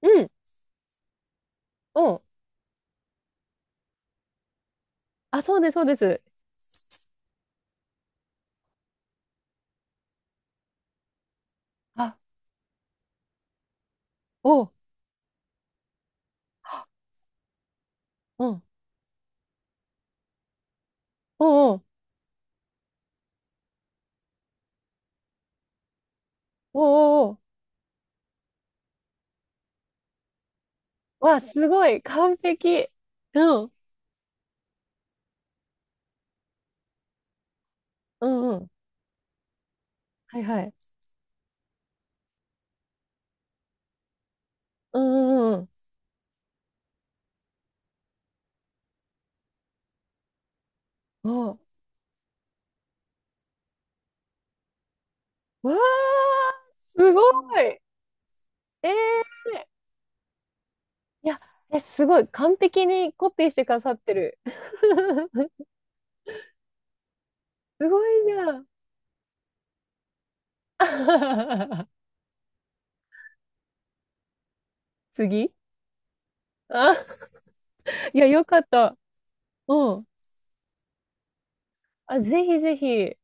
うん。おあ、そうです、そうです。あ、おう、うん。おうおう。おうおうおう。わ、すごい。完璧。うん。うんうん。はいはい。うんうんうん。おう。わー、すごい。えー。いや、え、すごい。完璧にコピーしてくださってる。すごいじゃん。次あ、いや、よかった。うん。あ、ぜひぜひ。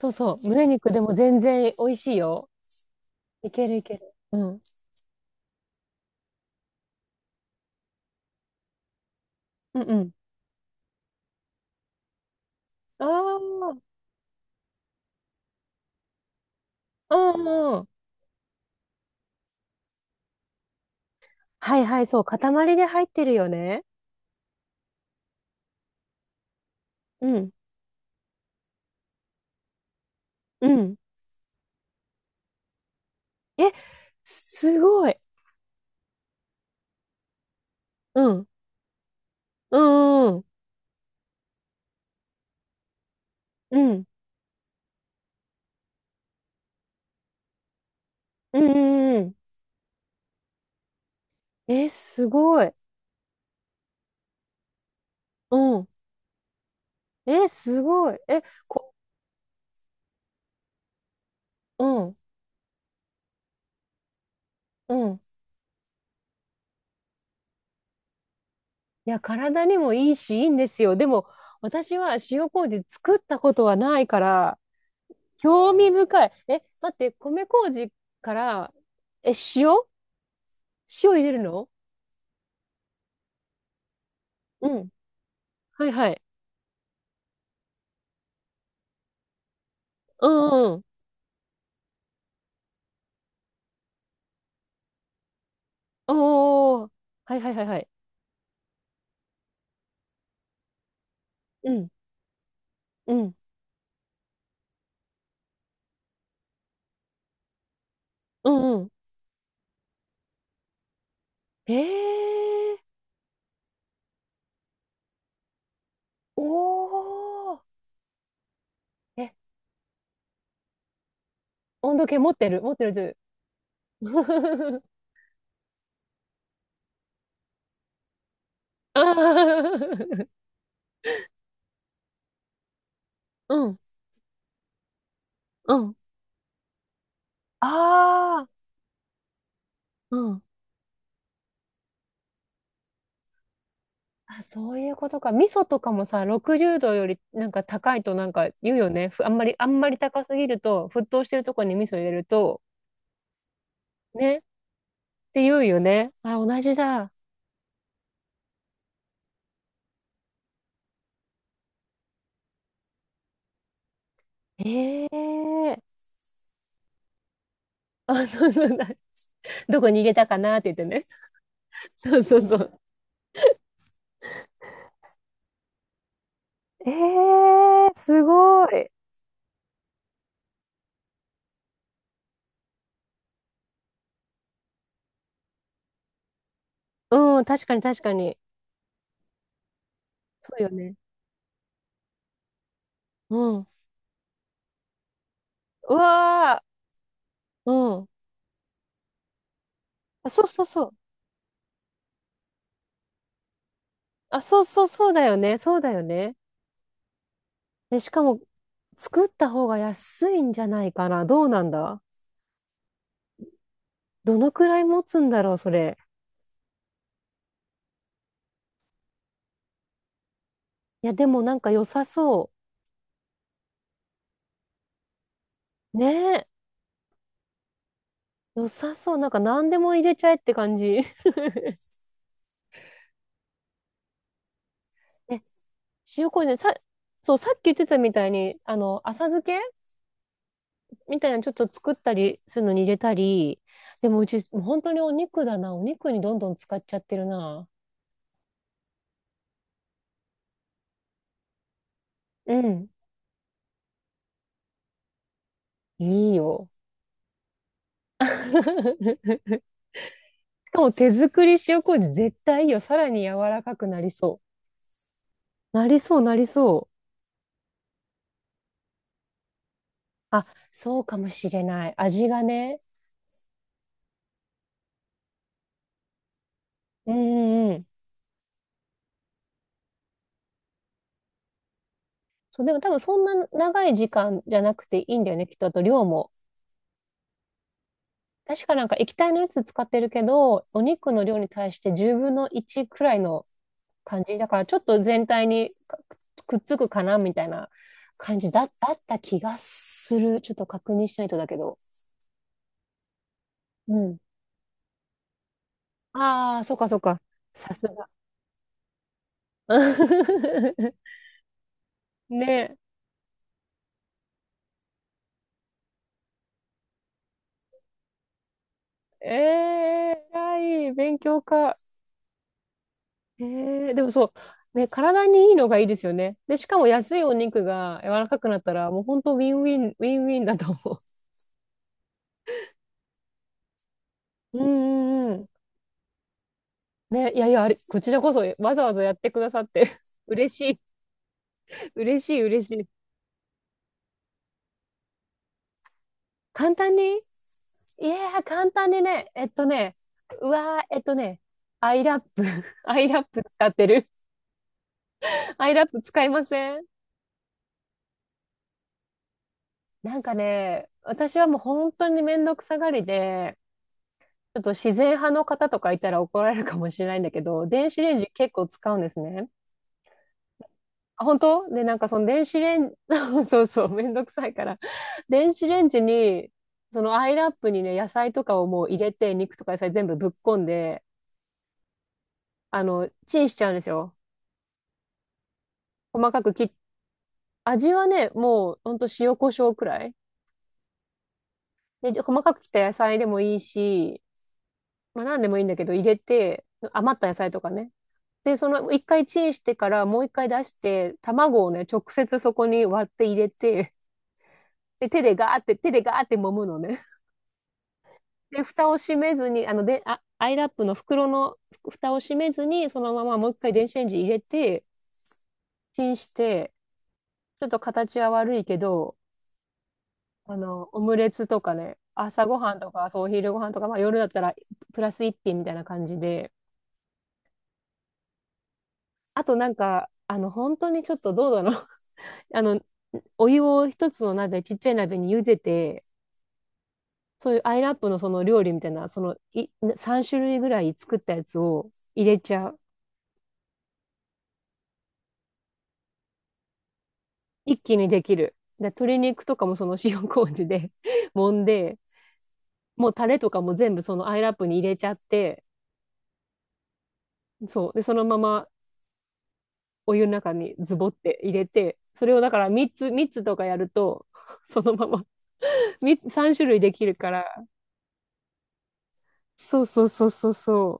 そうそう。胸肉でも全然美味しいよ。いけるいける。うん。うんうん。ああ、うんうん。はいはい、そう、塊で入ってるよね。うん、うん。え、すごい。うん、うん、うん、うん、うん、うんうん。え、すごい。うん、え、すごい。え、こ、うん、うん。いや、体にもいいし、いいんですよ。でも、私は塩麹作ったことはないから、興味深い。え、待って、米麹から、え、塩入れるの？うん。はいはい。うんうん。おー。はいはいはいはい。うん、うん、うんうん。えー。おお、え、温度計持ってる持ってる、あーうん、うん、あーうん。あ、そういうことか。味噌とかもさ、60度よりなんか高いとなんか言うよね。ふあんまり、あんまり高すぎると、沸騰してるとこに味噌入れると、ね、って言うよね。あ、同じだ。ええ、あ、そうそうだ。どこに入れたかなって言ってね。そうそうそう。ええー、すごい。うん、確かに確かに。そうよね。うん。うわー。うん。あ、そうそうそう。あ、そうそうそうだよね。そうだよね。で、しかも、作った方が安いんじゃないかな。どうなんだ。どのくらい持つんだろう、それ。いや、でもなんか良さそう。ねえ。良さそう。なんか何でも入れちゃえって感じ。え、塩麹ね、さ、そう、さっき言ってたみたいに、浅漬けみたいなのちょっと作ったりするのに入れたり、でもうち、もう本当にお肉だな。お肉にどんどん使っちゃってるな。うん。いいよ。しかも手作り塩麹絶対いいよ。さらに柔らかくなりそう。なりそう、なりそう。あ、そうかもしれない。味がね。うんうんうん。そう、でも多分そんな長い時間じゃなくていいんだよね。きっとあと量も。確かなんか液体のやつ使ってるけど、お肉の量に対して10分の1くらいの感じだからちょっと全体にくっつくかなみたいな感じだった気がする。ちょっと確認しないとだけど。うん。ああ、そうかそうか。さすが。ねえ。えー、偉い。勉強家。えー、でもそう。ね、体にいいのがいいですよね。で、しかも安いお肉が柔らかくなったら、もう本当ウィンウィン、ウィンウィンだと思う。うんうんうん。ね、いやいや、あれ、こちらこそわざわざやってくださって、嬉しい、嬉しい、嬉しい。簡単に。いやー、簡単にね、うわー、アイラップ、アイラップ使ってる。アイラップ使いません？なんかね、私はもう本当にめんどくさがりで、ちょっと自然派の方とかいたら怒られるかもしれないんだけど、電子レンジ結構使うんですね。あ、本当で、なんかその電子レンジ、そうそう、めんどくさいから、電子レンジに、そのアイラップにね、野菜とかをもう入れて、肉とか野菜全部ぶっこんで、チンしちゃうんですよ。細かく切っ、味はね、もうほんと塩コショウくらい。で、じゃ細かく切った野菜でもいいし、まあ何でもいいんだけど入れて、余った野菜とかね。で、その一回チンしてからもう一回出して、卵をね、直接そこに割って入れて、で、手でガーって、手でガーって揉むのね。で、蓋を閉めずに、で、あ、アイラップの袋の蓋を閉めずに、そのままもう一回電子レンジ入れて、チンして、ちょっと形は悪いけど、オムレツとかね、朝ごはんとか、そう、お昼ごはんとか、まあ夜だったらプラス一品みたいな感じで、あとなんか、本当にちょっとどうだろう。あの、お湯を一つの鍋、ちっちゃい鍋に茹でて、そういうアイラップのその料理みたいな、そのい3種類ぐらい作ったやつを入れちゃう。一気にできる。で、鶏肉とかもその塩麹で 揉んで、もうタレとかも全部そのアイラップに入れちゃって、そう。で、そのままお湯の中にズボって入れて、それをだから3つ、3つとかやると、そのまま3つ、種類できるから、そうそうそうそうそ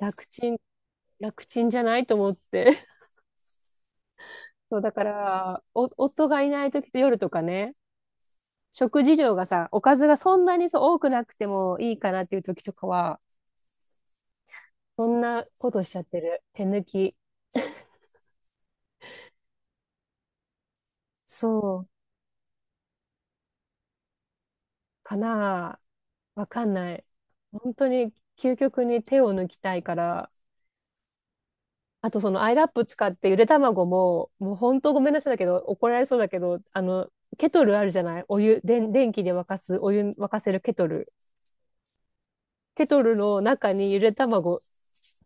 う、楽ちん、楽ちんじゃないと思って。そう、だから、夫がいない時と夜とかね、食事量がさ、おかずがそんなにそう多くなくてもいいかなっていう時とかは、そんなことしちゃってる。手抜き。そう、かなあ。わかんない。本当に究極に手を抜きたいから、あとそのアイラップ使ってゆで卵も、もう本当ごめんなさいだけど、怒られそうだけど、ケトルあるじゃないお湯、電気で沸かす、お湯沸かせるケトル。ケトルの中にゆで卵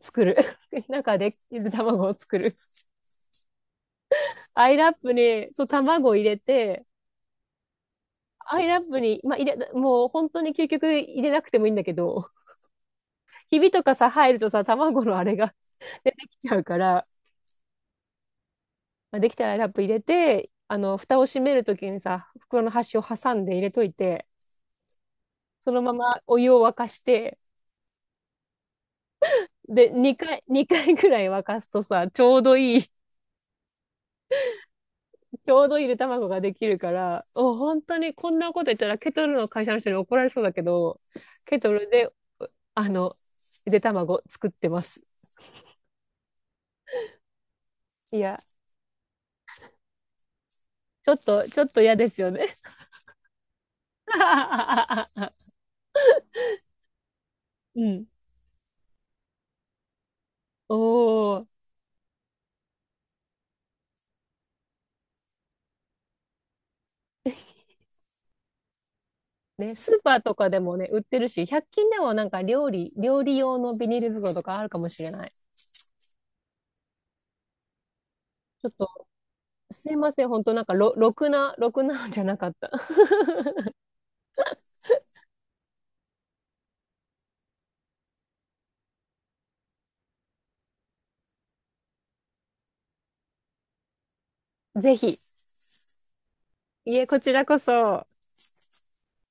作る。中でゆで卵を作る。アイラップに、そう、卵を入れて、アイラップに、まあ、もう本当に究極入れなくてもいいんだけど、ひびとかさ、入るとさ、卵のあれが 出てきちゃうから、まあ、できたらラップ入れて、蓋を閉めるときにさ、袋の端を挟んで入れといて、そのままお湯を沸かして、で、2回、二回ぐらい沸かすとさ、ちょうどいい ちょうどいいゆで卵ができるから、本当にこんなこと言ったらケトルの会社の人に怒られそうだけど、ケトルで、あの、ゆで卵作ってます。いや、ちょっと、ちょっと嫌ですよね。うん。おー。ね、スーパーとかでもね、売ってるし、100均でもなんか料理用のビニール袋とかあるかもしれない。ちょっと、すいません、本当なんかろくなのじゃなかった。ぜひ、いえ、こちらこそ。